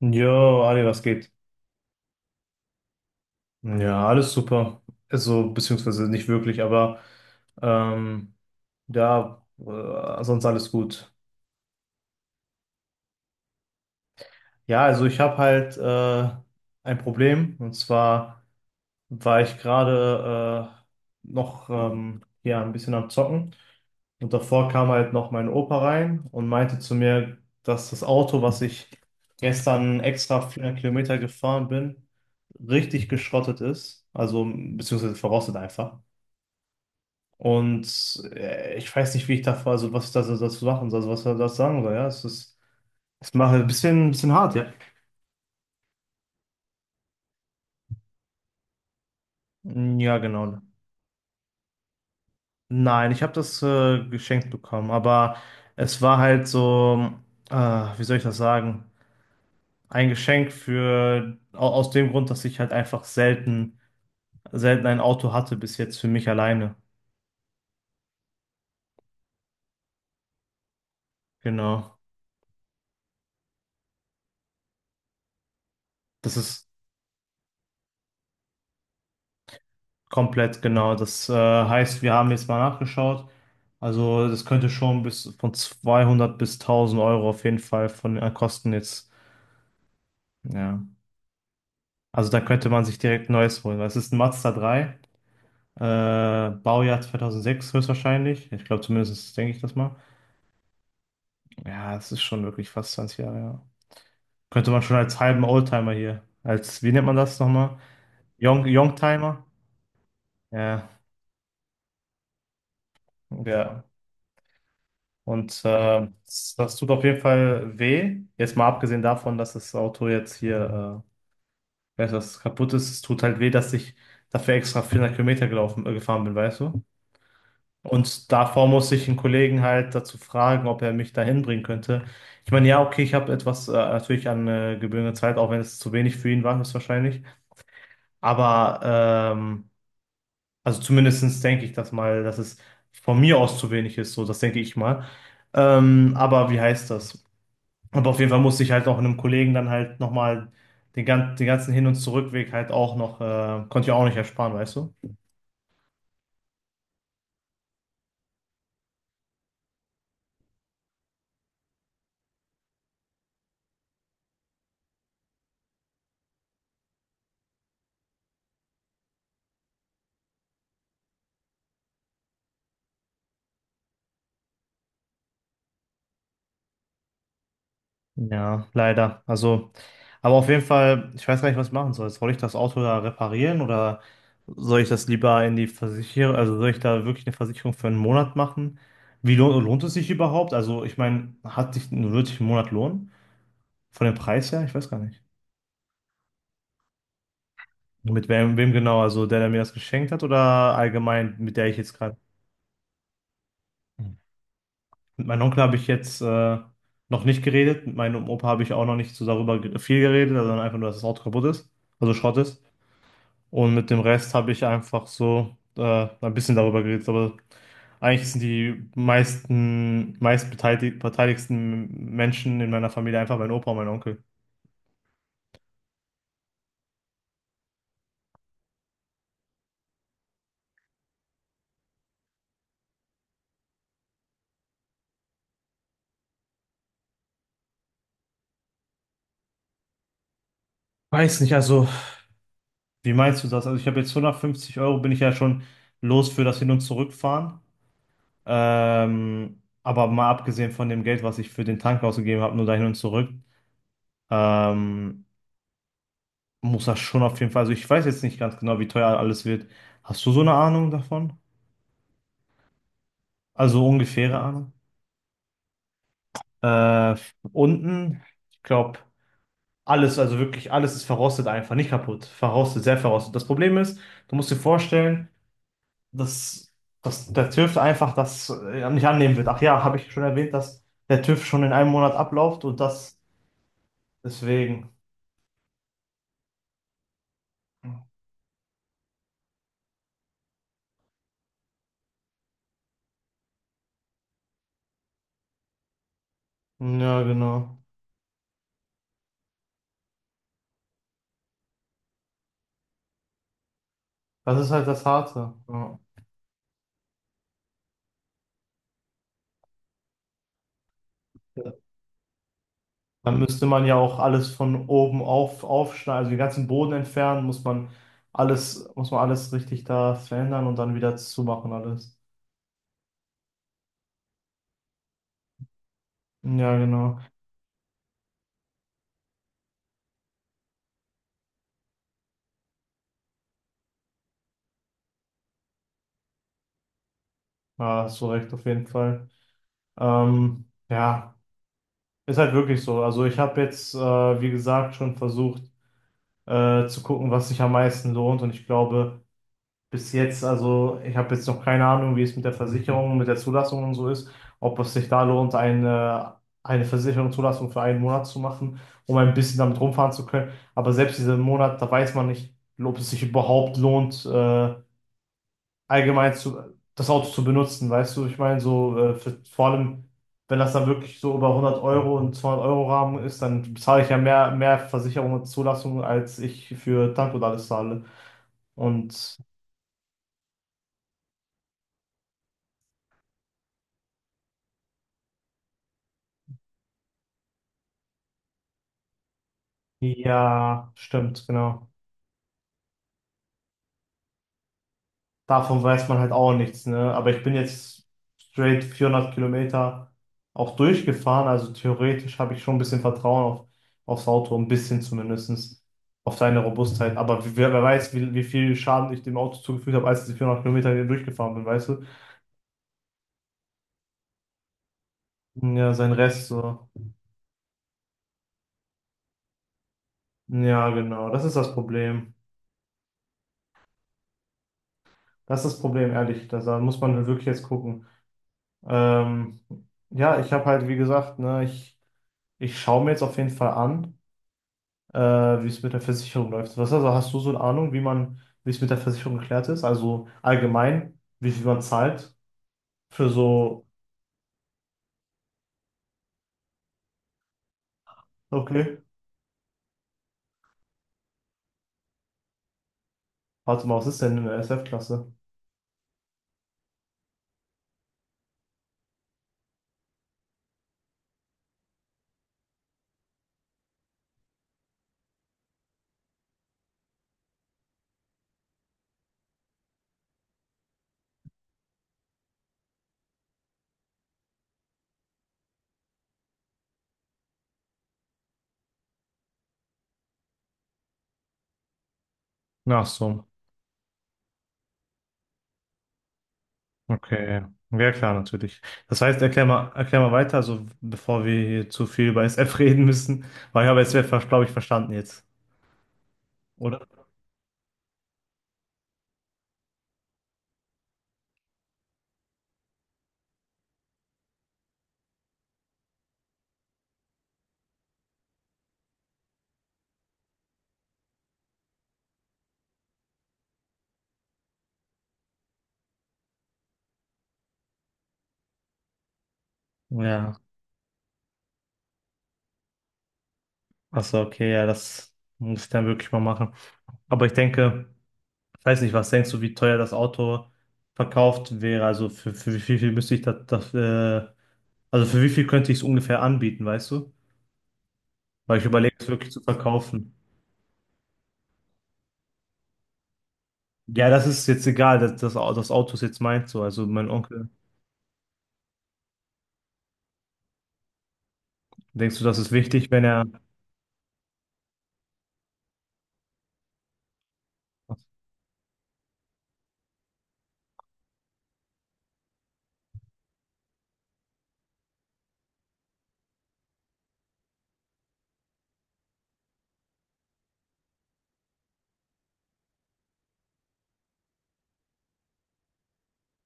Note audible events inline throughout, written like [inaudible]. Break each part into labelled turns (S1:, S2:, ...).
S1: Jo, Ali, was geht? Ja, alles super. Also, beziehungsweise nicht wirklich, aber ähm, ja, sonst alles gut. Ja, also ich habe halt ein Problem und zwar war ich gerade noch ja, ein bisschen am Zocken. Und davor kam halt noch mein Opa rein und meinte zu mir, dass das Auto, was ich gestern extra 400 Kilometer gefahren bin, richtig geschrottet ist. Also, beziehungsweise verrostet einfach. Und ich weiß nicht, wie ich davor, also was ich das machen soll, also was er das sagen soll. Ja, es macht ein bisschen hart, ja. Ja, genau. Nein, ich habe das geschenkt bekommen, aber es war halt so, wie soll ich das sagen? Ein Geschenk für, aus dem Grund, dass ich halt einfach selten ein Auto hatte bis jetzt für mich alleine. Genau. Das ist komplett genau. Das heißt, wir haben jetzt mal nachgeschaut. Also das könnte schon bis von 200 bis 1000 Euro auf jeden Fall von den Kosten jetzt. Ja. Also da könnte man sich direkt ein neues holen. Es ist ein Mazda 3. Baujahr 2006 höchstwahrscheinlich. Ich glaube, zumindest denke ich das mal. Ja, es ist schon wirklich fast 20 Jahre, ja. Könnte man schon als halben Oldtimer hier, als, wie nennt man das nochmal? Youngtimer? Ja, ja. Und das tut auf jeden Fall weh. Jetzt mal abgesehen davon, dass das Auto jetzt hier, weißt du, dass es kaputt ist, es tut halt weh, dass ich dafür extra 400 Kilometer gelaufen, gefahren bin, weißt du? Und davor musste ich einen Kollegen halt dazu fragen, ob er mich dahin bringen könnte. Ich meine, ja, okay, ich habe etwas natürlich an gebührende Zeit, auch wenn es zu wenig für ihn war, höchstwahrscheinlich. Aber ähm, also zumindestens denke ich das mal, dass es von mir aus zu wenig ist, so, das denke ich mal. Aber wie heißt das? Aber auf jeden Fall musste ich halt auch einem Kollegen dann halt nochmal den ganzen Hin- und Zurückweg halt auch noch, konnte ich auch nicht ersparen, weißt du? Ja, leider. Also, aber auf jeden Fall, ich weiß gar nicht, was ich machen soll. Soll ich das Auto da reparieren oder soll ich das lieber in die Versicherung, also soll ich da wirklich eine Versicherung für einen Monat machen? Wie lohnt es sich überhaupt? Also, ich meine, wird sich ein Monat lohnen? Von dem Preis her? Ich weiß gar nicht. Mit wem genau? Also, der, der mir das geschenkt hat oder allgemein, mit der ich jetzt gerade. Hm. Mit meinem Onkel habe ich jetzt noch nicht geredet. Mit meinem Opa habe ich auch noch nicht so darüber viel geredet, sondern einfach nur, dass das Auto kaputt ist, also Schrott ist. Und mit dem Rest habe ich einfach so ein bisschen darüber geredet. Aber eigentlich sind die meisten, meistbeteiligten beteiligsten Menschen in meiner Familie einfach mein Opa und mein Onkel. Weiß nicht, also. Wie meinst du das? Also ich habe jetzt 150 Euro, bin ich ja schon los für das Hin- und Zurückfahren. Aber mal abgesehen von dem Geld, was ich für den Tank ausgegeben habe, nur dahin und zurück, ähm, muss das schon auf jeden Fall. Also ich weiß jetzt nicht ganz genau, wie teuer alles wird. Hast du so eine Ahnung davon? Also ungefähre Ahnung? Äh, Unten, ich glaube, alles, also wirklich alles ist verrostet einfach, nicht kaputt. Verrostet, sehr verrostet. Das Problem ist, du musst dir vorstellen, dass, dass der TÜV einfach das nicht annehmen wird. Ach ja, habe ich schon erwähnt, dass der TÜV schon in einem Monat abläuft und das deswegen. Ja, genau. Das ist halt das Harte. Ja. Dann müsste man ja auch alles von oben aufschneiden, also den ganzen Boden entfernen, muss man alles richtig da verändern und dann wieder zumachen alles. Ja, genau. Ja, hast du recht, auf jeden Fall. Ja, ist halt wirklich so. Also ich habe jetzt, wie gesagt, schon versucht zu gucken, was sich am meisten lohnt. Und ich glaube, bis jetzt, also ich habe jetzt noch keine Ahnung, wie es mit der Versicherung, mit der Zulassung und so ist, ob es sich da lohnt, eine Versicherung, Zulassung für einen Monat zu machen, um ein bisschen damit rumfahren zu können. Aber selbst diesen Monat, da weiß man nicht, ob es sich überhaupt lohnt, allgemein zu, das Auto zu benutzen, weißt du? Ich meine, so für, vor allem, wenn das dann wirklich so über 100 Euro und 200 Euro Rahmen ist, dann bezahle ich ja mehr, mehr Versicherung und Zulassung, als ich für Tank und alles zahle. Und ja, stimmt, genau. Davon weiß man halt auch nichts, ne? Aber ich bin jetzt straight 400 Kilometer auch durchgefahren, also theoretisch habe ich schon ein bisschen Vertrauen aufs Auto, ein bisschen zumindest, auf seine Robustheit. Aber wer weiß, wie viel Schaden ich dem Auto zugefügt habe, als ich die 400 Kilometer hier durchgefahren bin, weißt du? Ja, sein Rest so. Ja, genau, das ist das Problem. Das ist das Problem, ehrlich. Da muss man halt wirklich jetzt gucken. Ähm, ja, ich habe halt, wie gesagt, ne, ich schaue mir jetzt auf jeden Fall an. äh, wie es mit der Versicherung läuft. Also hast du so eine Ahnung, wie es mit der Versicherung geklärt ist? Also allgemein, wie viel man zahlt für so, okay, warte mal, was ist denn eine SF-Klasse? Ach so, okay. Ja, klar, natürlich. Das heißt, erklär mal weiter, also bevor wir hier zu viel über SF [laughs] reden müssen, weil ich habe SF, glaube ich, verstanden jetzt, oder? Ja, ach so, okay, ja, das muss ich dann wirklich mal machen. Aber ich denke. Ich weiß nicht, was denkst du, wie teuer das Auto verkauft wäre? Also für wie viel, müsste ich das also für wie viel könnte ich es ungefähr anbieten, weißt du? Weil ich überlege, es wirklich zu verkaufen. Ja, das ist jetzt egal, das Auto ist jetzt meins so. Also mein Onkel, denkst du, das ist wichtig, wenn er,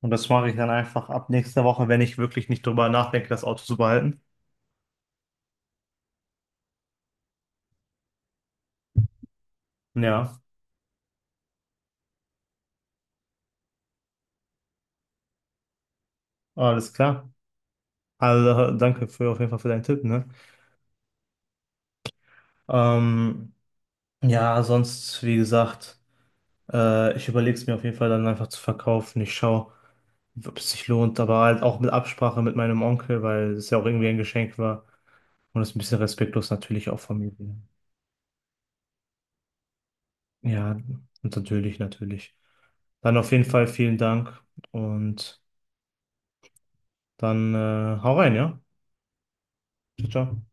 S1: und das mache ich dann einfach ab nächster Woche, wenn ich wirklich nicht drüber nachdenke, das Auto zu behalten. Ja, alles klar. Also danke auf jeden Fall für deinen Tipp, ne? Ähm, ja, sonst, wie gesagt. Ich überlege es mir auf jeden Fall dann einfach zu verkaufen. Ich schaue, ob es sich lohnt, aber halt auch mit Absprache mit meinem Onkel, weil es ja auch irgendwie ein Geschenk war. Und es ist ein bisschen respektlos natürlich auch von mir. Ja, und natürlich, natürlich. Dann auf jeden Fall vielen Dank und dann hau rein, ja? Ciao, ciao.